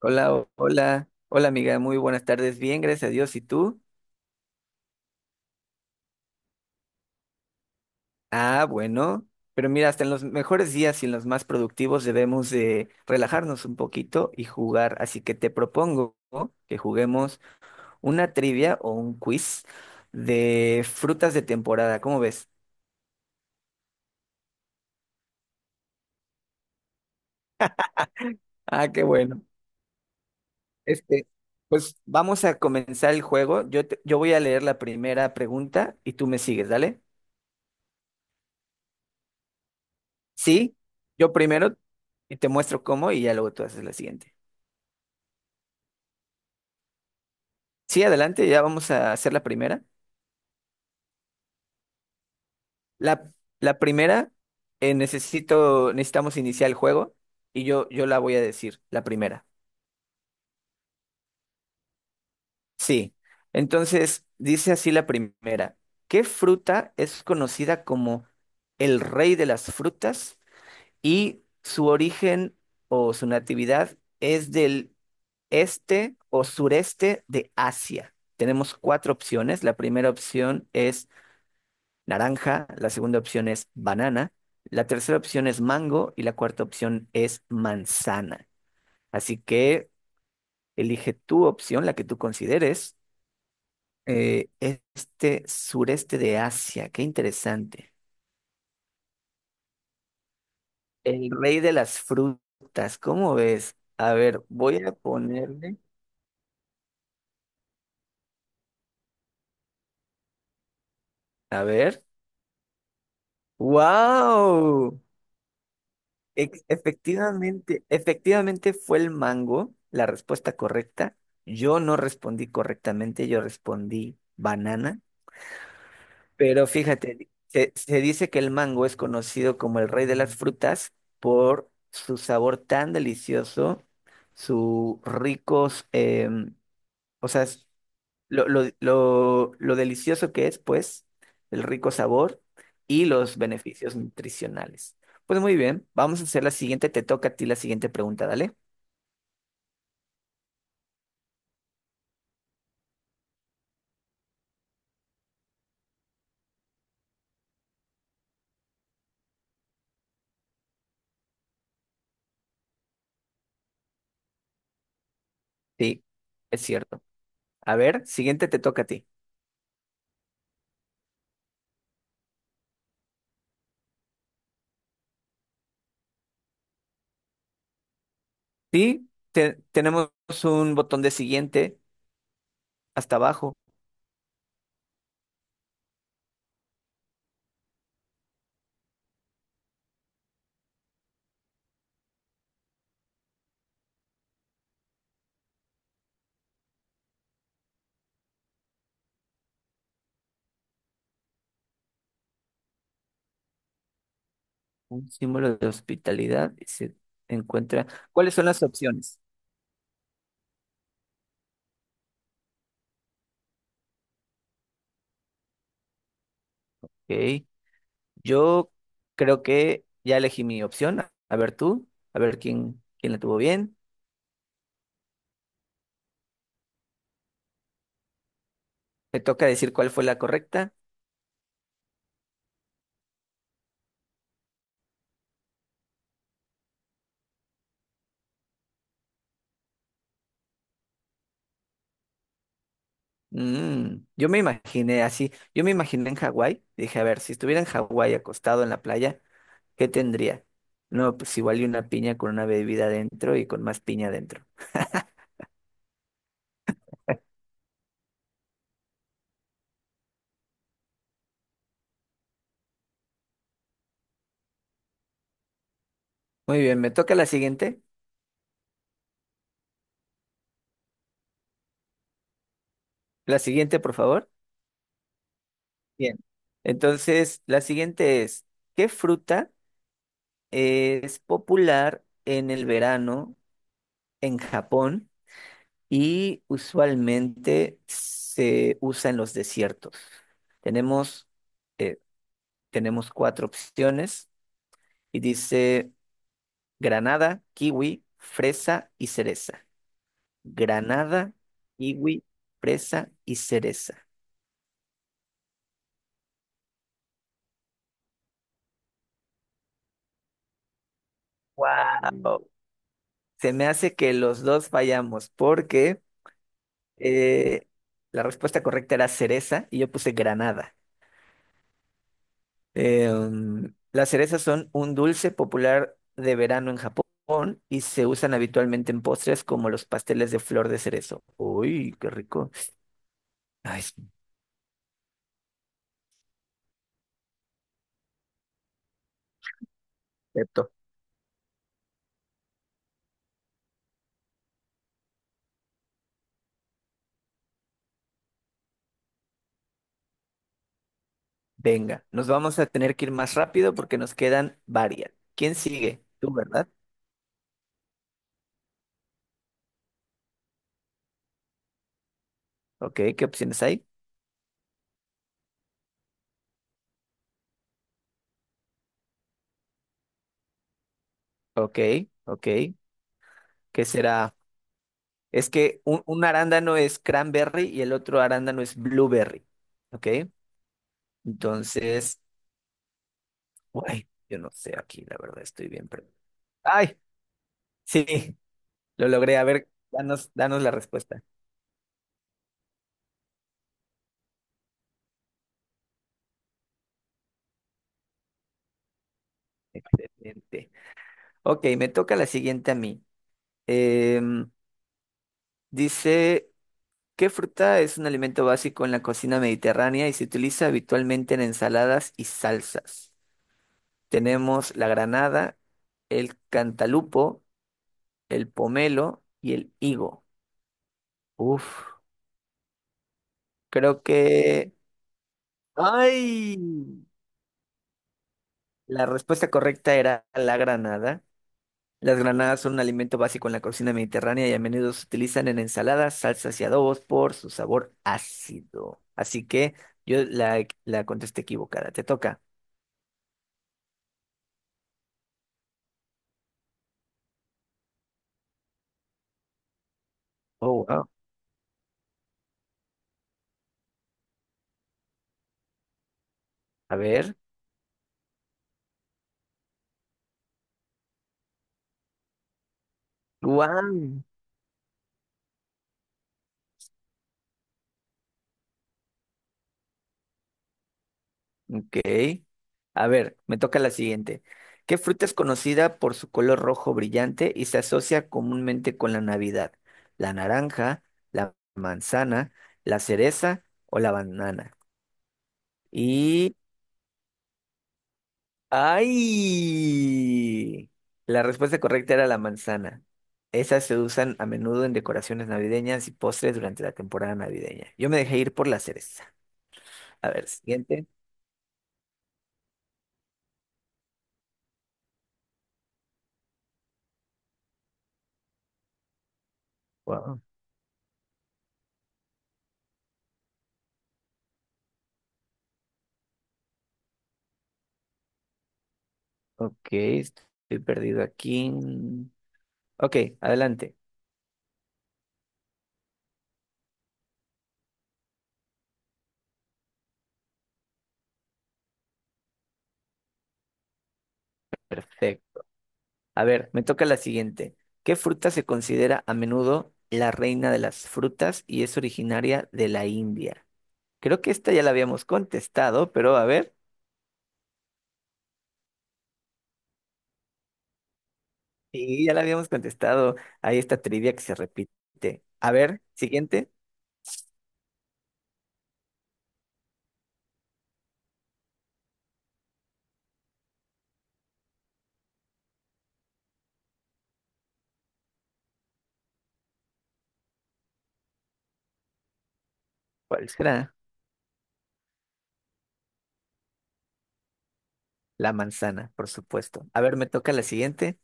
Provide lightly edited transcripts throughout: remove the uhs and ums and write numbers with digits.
Hola, hola, amiga, muy buenas tardes, bien, gracias a Dios, ¿y tú? Ah, bueno, pero mira, hasta en los mejores días y en los más productivos debemos de relajarnos un poquito y jugar, así que te propongo que juguemos una trivia o un quiz de frutas de temporada, ¿cómo ves? Ah, qué bueno. Este, pues vamos a comenzar el juego, yo voy a leer la primera pregunta y tú me sigues, ¿dale? Sí, yo primero y te muestro cómo y ya luego tú haces la siguiente. Sí, adelante, ya vamos a hacer la primera. La, la primera, necesitamos iniciar el juego y yo la voy a decir, la primera. Sí, entonces dice así la primera. ¿Qué fruta es conocida como el rey de las frutas y su origen o su natividad es del este o sureste de Asia? Tenemos cuatro opciones. La primera opción es naranja, la segunda opción es banana, la tercera opción es mango y la cuarta opción es manzana. Así que elige tu opción, la que tú consideres. Este sureste de Asia, qué interesante. El rey de las frutas, ¿cómo ves? A ver, voy a ponerle. A ver. ¡Wow! Efectivamente, efectivamente fue el mango la respuesta correcta. Yo no respondí correctamente, yo respondí banana. Pero fíjate, se dice que el mango es conocido como el rey de las frutas por su sabor tan delicioso, su ricos, o sea, lo delicioso que es, pues, el rico sabor y los beneficios nutricionales. Pues muy bien, vamos a hacer la siguiente, te toca a ti la siguiente pregunta, dale. Sí, es cierto. A ver, siguiente te toca a ti. Sí, tenemos un botón de siguiente hasta abajo, un símbolo de hospitalidad y se encuentra. ¿Cuáles son las opciones? Ok, yo creo que ya elegí mi opción. A ver tú, a ver quién la tuvo bien. Me toca decir cuál fue la correcta. Mm, yo me imaginé así, yo me imaginé en Hawái, dije, a ver, si estuviera en Hawái acostado en la playa, ¿qué tendría? No, pues igual y una piña con una bebida adentro y con más piña adentro. Muy bien, me toca la siguiente. La siguiente, por favor. Bien. Entonces, la siguiente es, ¿qué fruta es popular en el verano en Japón? Y usualmente se usa en los desiertos. Tenemos, eh, tenemos cuatro opciones y dice granada, kiwi, fresa y cereza. Granada, kiwi, fresa y cereza. ¡Wow! Se me hace que los dos fallamos porque eh, la respuesta correcta era cereza y yo puse granada. Las cerezas son un dulce popular de verano en Japón y se usan habitualmente en postres como los pasteles de flor de cerezo. Uy, qué rico. Ay, sí, perfecto. Venga, nos vamos a tener que ir más rápido porque nos quedan varias. ¿Quién sigue? Tú, ¿verdad? Ok, ¿qué opciones hay? Ok, ok. ¿Qué será? Es que un arándano es cranberry y el otro arándano es blueberry. Ok, entonces, uy, yo no sé aquí, la verdad, estoy bien perdido. ¡Ay! Sí, lo logré. A ver, danos la respuesta. Excelente. Ok, me toca la siguiente a mí. Em, dice, ¿qué fruta es un alimento básico en la cocina mediterránea y se utiliza habitualmente en ensaladas y salsas? Tenemos la granada, el cantalupo, el pomelo y el higo. Uf, creo que... ¡Ay! La respuesta correcta era la granada. Las granadas son un alimento básico en la cocina mediterránea y a menudo se utilizan en ensaladas, salsas y adobos por su sabor ácido. Así que yo la contesté equivocada. Te toca. Oh, wow. A ver. Guau. Ok. A ver, me toca la siguiente. ¿Qué fruta es conocida por su color rojo brillante y se asocia comúnmente con la Navidad? ¿La naranja, la manzana, la cereza o la banana? Y ¡ay! La respuesta correcta era la manzana. Esas se usan a menudo en decoraciones navideñas y postres durante la temporada navideña. Yo me dejé ir por la cereza. A ver, siguiente. Wow. Ok, estoy perdido aquí. Ok, adelante. Perfecto. A ver, me toca la siguiente. ¿Qué fruta se considera a menudo la reina de las frutas y es originaria de la India? Creo que esta ya la habíamos contestado, pero a ver. Sí, ya la habíamos contestado. Hay esta trivia que se repite. A ver, siguiente. ¿Cuál será? La manzana, por supuesto. A ver, me toca la siguiente.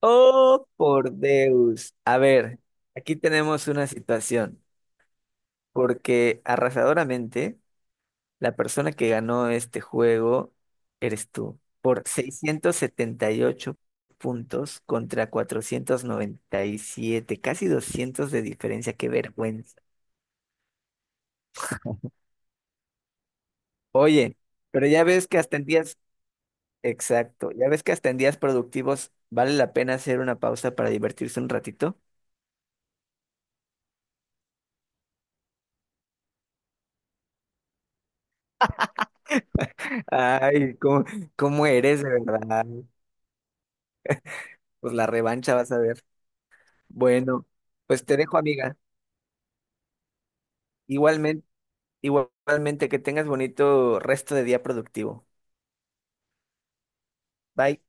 Oh, por Deus. A ver, aquí tenemos una situación, porque arrasadoramente la persona que ganó este juego eres tú, por 678 puntos contra 497, casi 200 de diferencia. Qué vergüenza. Oye. Pero ya ves que hasta en días Exacto. Ya ves que hasta en días productivos vale la pena hacer una pausa para divertirse un ratito. Ay, cómo eres de verdad? Pues la revancha vas a ver. Bueno, pues te dejo, amiga. Igualmente, igualmente que tengas bonito resto de día productivo. Bye.